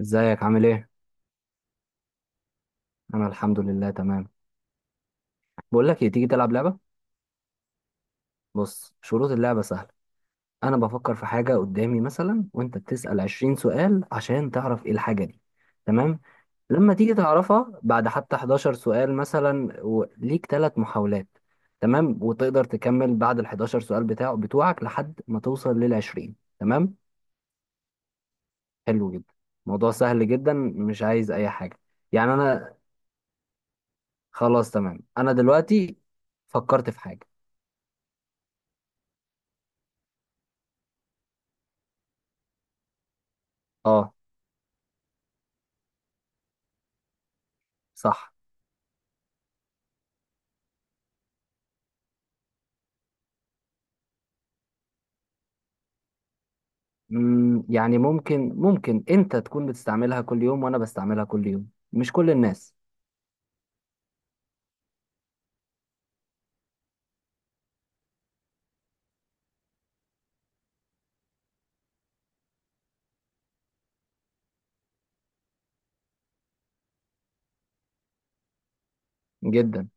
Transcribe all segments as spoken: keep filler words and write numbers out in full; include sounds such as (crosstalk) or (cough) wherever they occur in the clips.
ازيك عامل ايه؟ انا الحمد لله تمام. بقول لك ايه، تيجي تلعب لعبه؟ بص، شروط اللعبه سهله. انا بفكر في حاجه قدامي مثلا، وانت بتسال 20 سؤال عشان تعرف ايه الحاجه دي. تمام. لما تيجي تعرفها بعد حتى 11 سؤال مثلا، وليك ثلاث محاولات. تمام، وتقدر تكمل بعد ال حداشر سؤال بتاعه بتوعك لحد ما توصل لل عشرين. تمام. حلو جدا. موضوع سهل جدا، مش عايز اي حاجه. يعني انا خلاص تمام، انا دلوقتي فكرت في حاجه. اه، صح. مم، يعني ممكن ممكن انت تكون بتستعملها كل يوم وانا بستعملها كل يوم، مش كل الناس. جدا.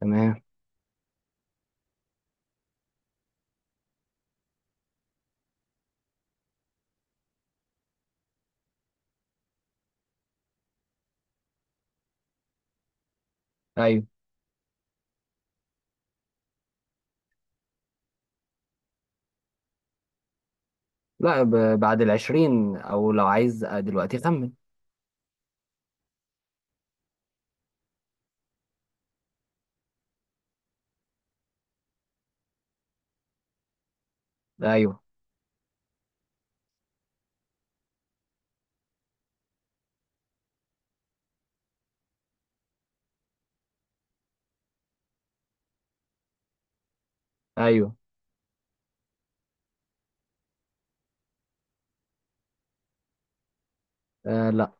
تمام. ايوه. لا، ب- بعد العشرين، او لو عايز آه، دلوقتي خمن. ايوه. ايوه. آه، لا.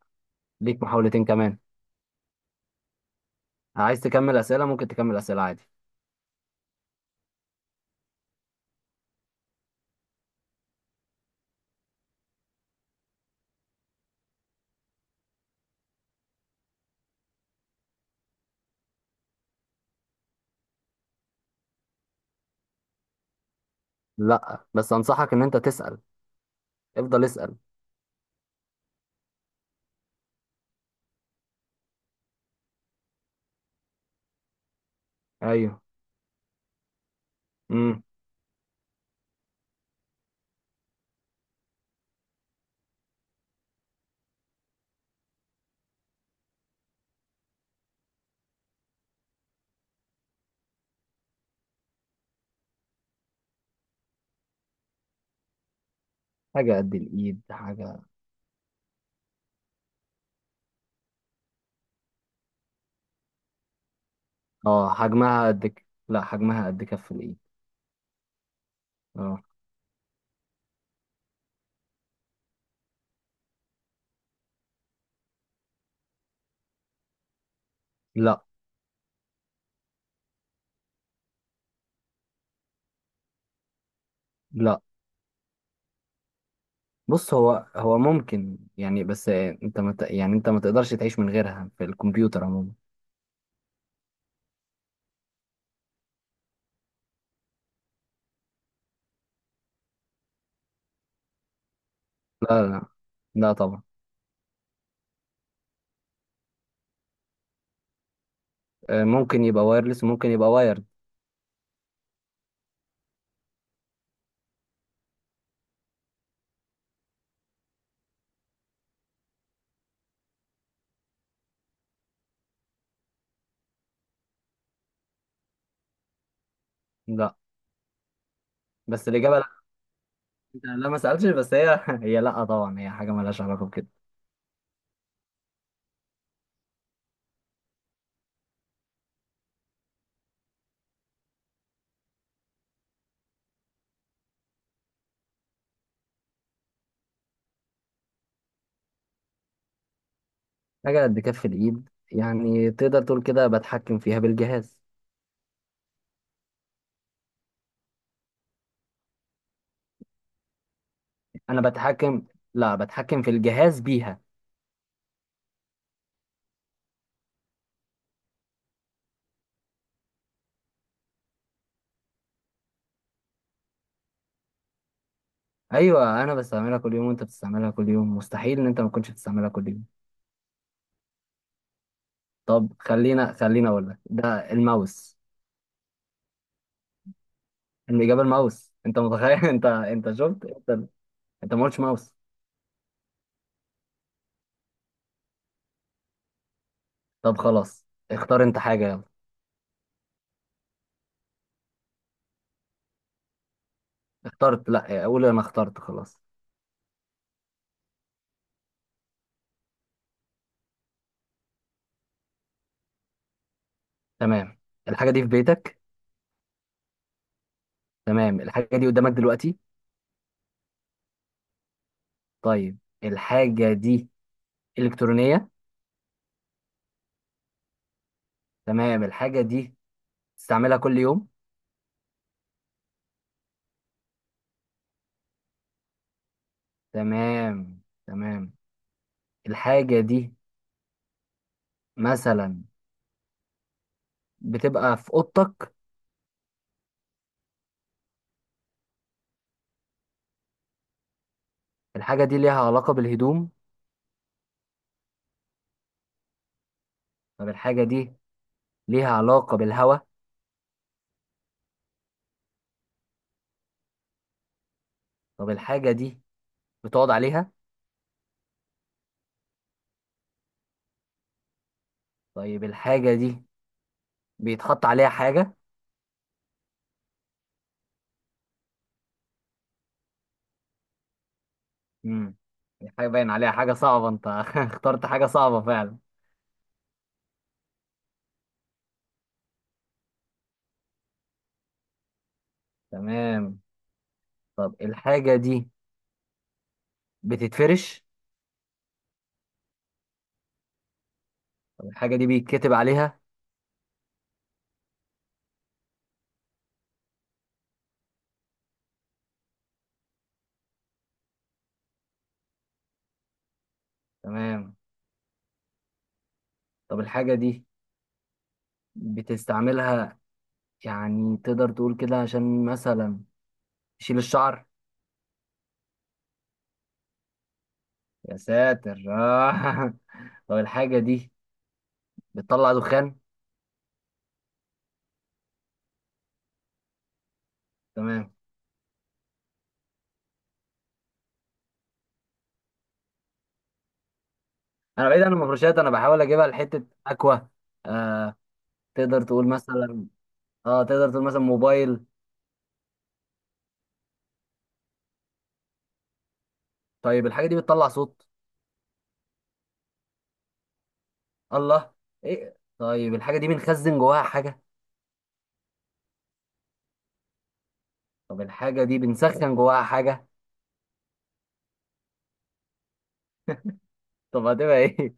ليك محاولتين كمان. عايز تكمل اسئله، ممكن تكمل اسئله عادي. لا، بس انصحك ان انت تسال، افضل اسال. ايوه. امم. حاجه قد الايد، حاجه. اه حجمها قد ك- لا، حجمها قد كف الايد. اه. لا لا. بص هو هو ممكن يعني، بس انت ما ت- يعني انت ما تقدرش تعيش من غيرها في الكمبيوتر عموما. لا. لا، لا طبعا. آه، ممكن يبقى وايرلس، ممكن يبقى وايرد. لا، بس الاجابه لا. انت لا ما سالتش، بس هي (laughs) هي لا طبعا، هي حاجه مالهاش علاقه بكده. حاجه قد كف الايد، يعني تقدر تقول كده بتحكم فيها بالجهاز. انا بتحكم. لا، بتحكم في الجهاز بيها. ايوه، انا بستعملها كل يوم وانت بتستعملها كل يوم، مستحيل ان انت ما كنتش بتستعملها كل يوم. طب خلينا خلينا اقول لك ده الماوس. الإجابة الماوس، أنت متخيل؟ (laughs) أنت أنت شفت. أنت أنت ما قلتش ماوس. طب خلاص. اختار أنت حاجة، يلا. اخترت. لا، أقول أنا اخترت، خلاص. تمام، الحاجة دي في بيتك. تمام، الحاجة دي قدامك دلوقتي. طيب، الحاجة دي إلكترونية. تمام، الحاجة دي تستعملها كل يوم. تمام. تمام، الحاجة دي مثلا بتبقى في أوضتك. الحاجة دي ليها علاقة بالهدوم. طب الحاجة دي ليها علاقة بالهواء. طب الحاجة دي بتقعد عليها. طيب الحاجة دي بيتحط عليها حاجة. امم. الحاجة باين عليها حاجة صعبة، انت (laughs) اخترت حاجة صعبة فعلا. تمام. طب الحاجة دي بتتفرش. طب الحاجة دي بيتكتب عليها. تمام. طب الحاجة دي بتستعملها، يعني تقدر تقول كده عشان مثلا تشيل الشعر. يا ساتر، آه. (laughs) طب الحاجة دي بتطلع دخان. تمام. انا بعيد عن المفروشات، انا بحاول اجيبها لحتة اكوا. آه. تقدر تقول مثلا، اه تقدر تقول مثلا موبايل. طيب الحاجة دي بتطلع صوت. الله. ايه، طيب الحاجة دي بنخزن جواها حاجة. طب الحاجة دي بنسخن جواها حاجة. طب هتبقى ايه؟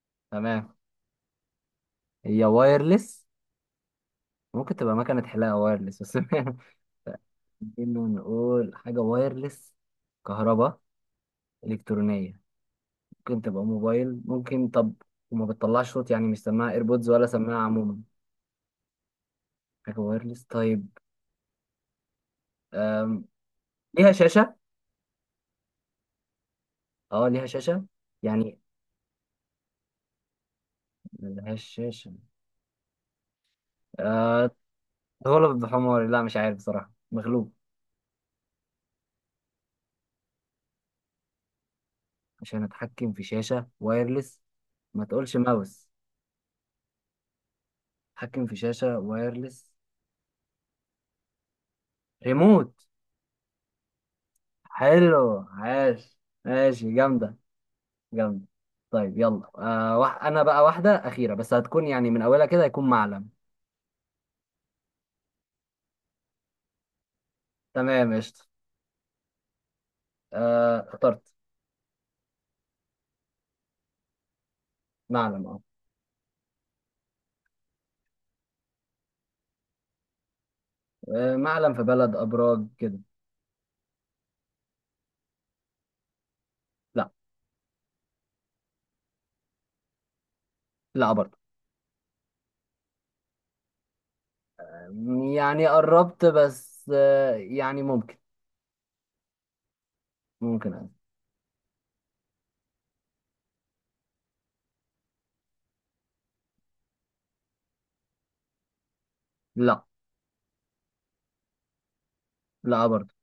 (laughs) تمام. هي وايرلس. ممكن تبقى مكنة حلاقة وايرلس بس. (laughs) انه نقول حاجة وايرلس، كهرباء، إلكترونية. ممكن تبقى موبايل، ممكن طب. وما بتطلعش صوت، يعني مش سماعة ايربودز ولا سماعة عموما. حاجة وايرلس طيب. أم... ليها شاشة. اه ليها شاشة. يعني ملهاش شاشة. آه، غلط بحماري، لا مش عارف بصراحة، مغلوب. عشان اتحكم في شاشة وايرلس. ما تقولش ماوس. اتحكم في شاشة وايرلس. ريموت. حلو، عاش. ماشي، جامدة. جامدة. طيب، يلا آه وح... انا بقى واحدة أخيرة بس، هتكون يعني من اولها كده هيكون معلم. تمام قشطة. آه اخترت. معلم، اه. آه، معلم في بلد ابراج كده. لا. لا برضه. يعني قربت بس، آه يعني ممكن. ممكن، آه. لا. لا برضه.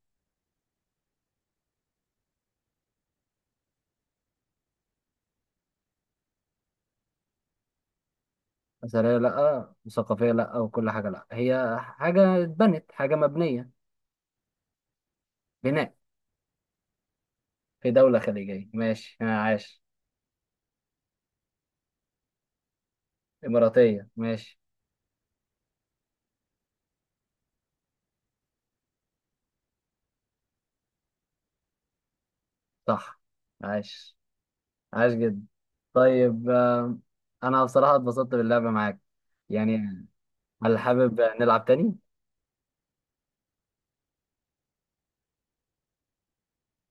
أثرية لأ، وثقافية لأ، وكل حاجة لأ، هي حاجة اتبنت، حاجة مبنية. بناء. في دولة خليجية ماشي، آه، عاش. إماراتية ماشي. صح. عاش. عاش جدا. طيب، آه، أنا بصراحة اتبسطت باللعبة معاك. يعني. هل حابب نلعب تاني؟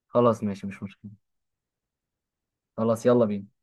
خلاص ماشي، مش مشكلة. خلاص يلا بينا.